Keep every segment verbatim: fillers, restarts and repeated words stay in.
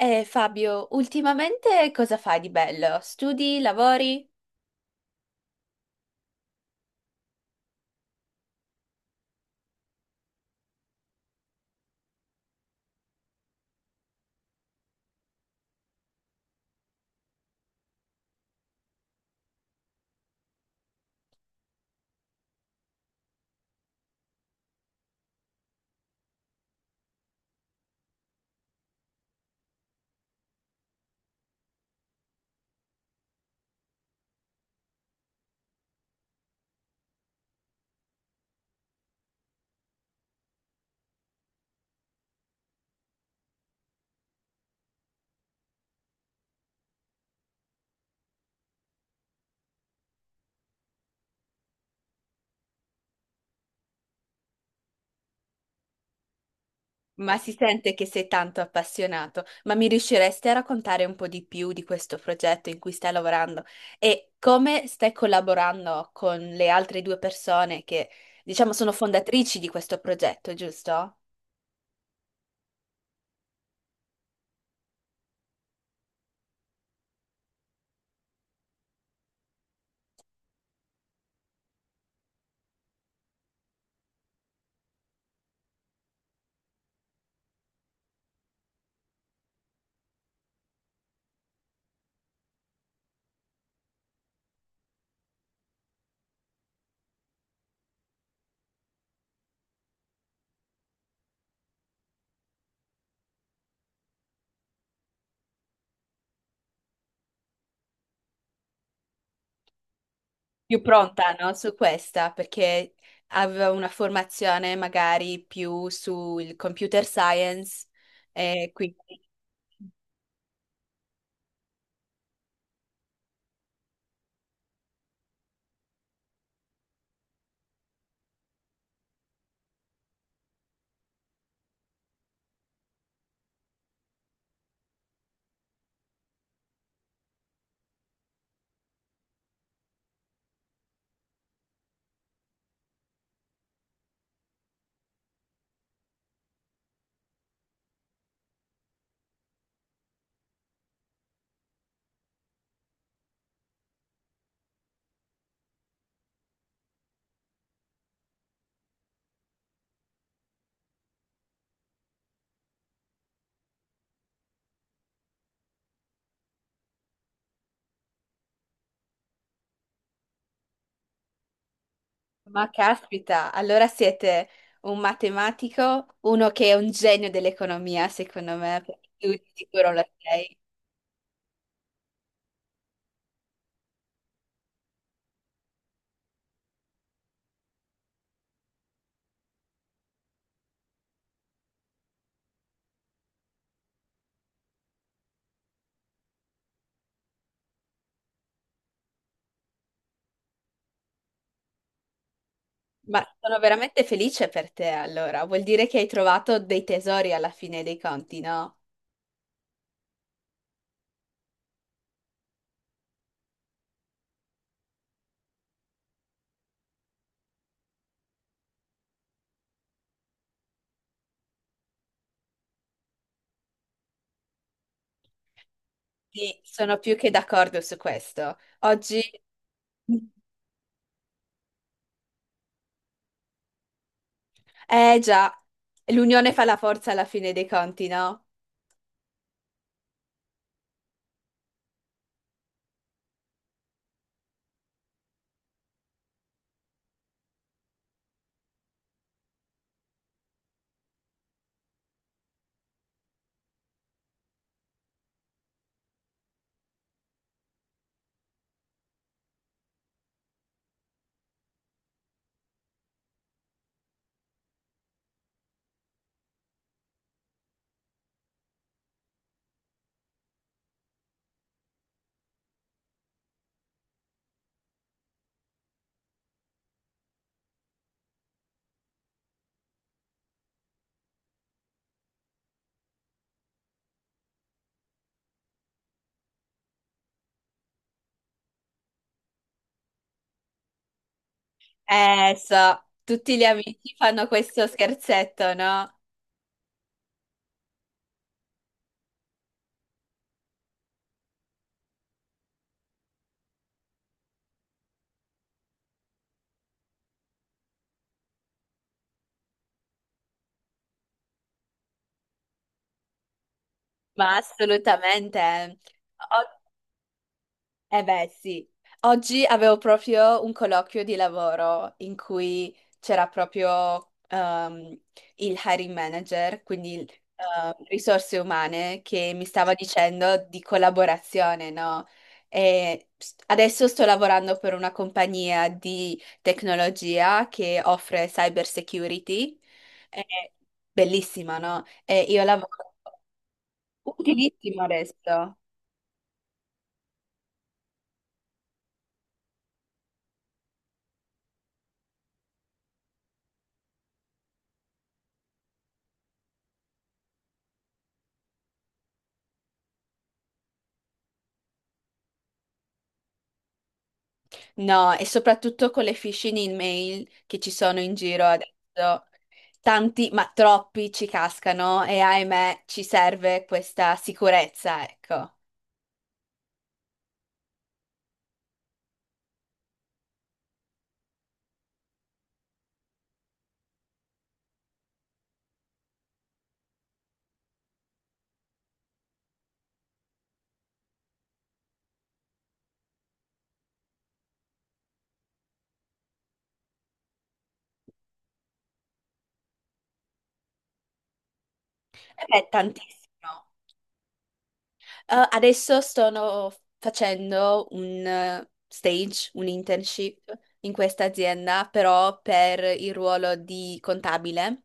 Eh, Fabio, ultimamente cosa fai di bello? Studi, lavori? Ma si sente che sei tanto appassionato, ma mi riusciresti a raccontare un po' di più di questo progetto in cui stai lavorando e come stai collaborando con le altre due persone che, diciamo, sono fondatrici di questo progetto, giusto? Più pronta, no? Su questa, perché aveva una formazione magari più sul computer science e quindi... Ma caspita, allora siete un matematico, uno che è un genio dell'economia, secondo me, perché tu di sicuro lo sei. Ma sono veramente felice per te, allora. Vuol dire che hai trovato dei tesori alla fine dei conti, no? Sì, sono più che d'accordo su questo. Oggi, eh già, l'unione fa la forza alla fine dei conti, no? Eh, so, tutti gli amici fanno questo scherzetto, no? Ma assolutamente. Eh beh, sì. Oggi avevo proprio un colloquio di lavoro in cui c'era proprio ehm, il hiring manager, quindi il, eh, risorse umane, che mi stava dicendo di collaborazione, no? E s- adesso sto lavorando per una compagnia di tecnologia che offre cyber security. È bellissima, no? E io lavoro utilissimo adesso. No, e soprattutto con le phishing email che ci sono in giro adesso, tanti, ma troppi ci cascano e ahimè ci serve questa sicurezza, ecco. Eh beh, tantissimo. Eh, adesso sto facendo un eh, stage, un internship in questa azienda, però per il ruolo di contabile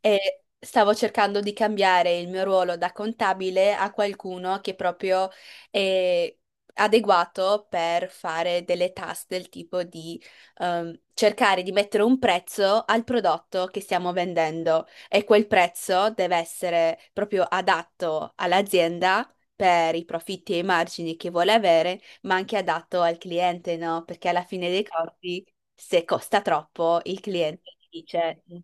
e stavo cercando di cambiare il mio ruolo da contabile a qualcuno che proprio è adeguato per fare delle task del tipo di ehm, cercare di mettere un prezzo al prodotto che stiamo vendendo e quel prezzo deve essere proprio adatto all'azienda per i profitti e i margini che vuole avere, ma anche adatto al cliente, no? Perché alla fine dei conti, se costa troppo, il cliente dice "Mm,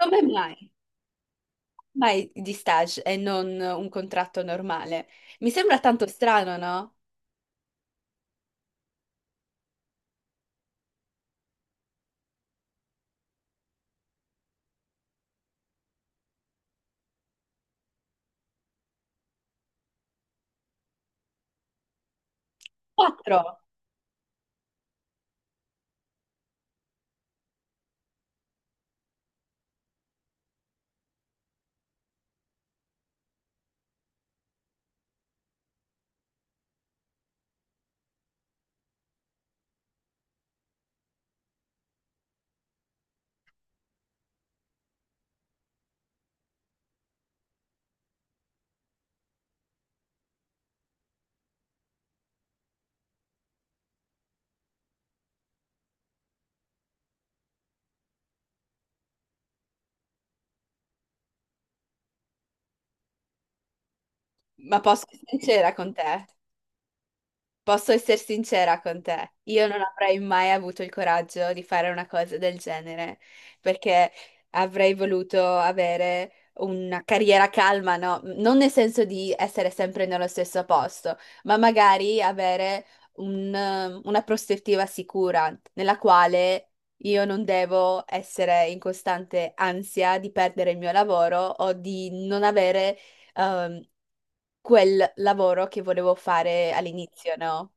come mai? Mai di stage e non un contratto normale? Mi sembra tanto strano, no? Quattro, ma posso essere sincera con te. Posso essere sincera con te, io non avrei mai avuto il coraggio di fare una cosa del genere, perché avrei voluto avere una carriera calma, no? Non nel senso di essere sempre nello stesso posto, ma magari avere un, eh, una prospettiva sicura nella quale io non devo essere in costante ansia di perdere il mio lavoro o di non avere... ehm, quel lavoro che volevo fare all'inizio, no?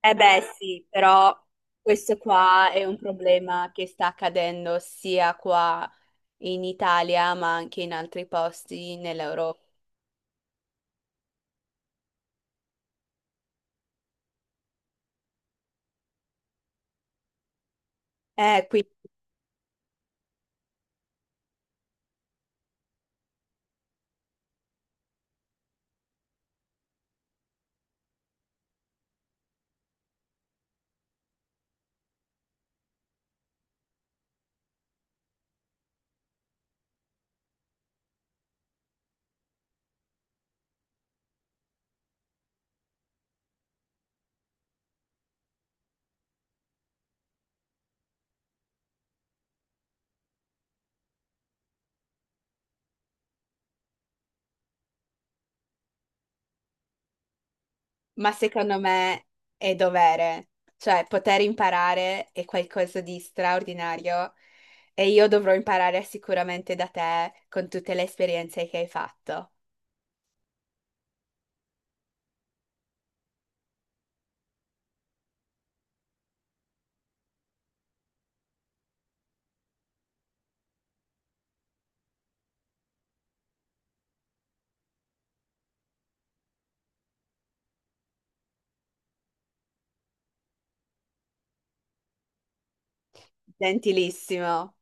Eh beh, sì, però questo qua è un problema che sta accadendo sia qua in Italia, ma anche in altri posti nell'Europa. Eh, qui- ma secondo me è dovere, cioè poter imparare è qualcosa di straordinario e io dovrò imparare sicuramente da te con tutte le esperienze che hai fatto. Gentilissimo.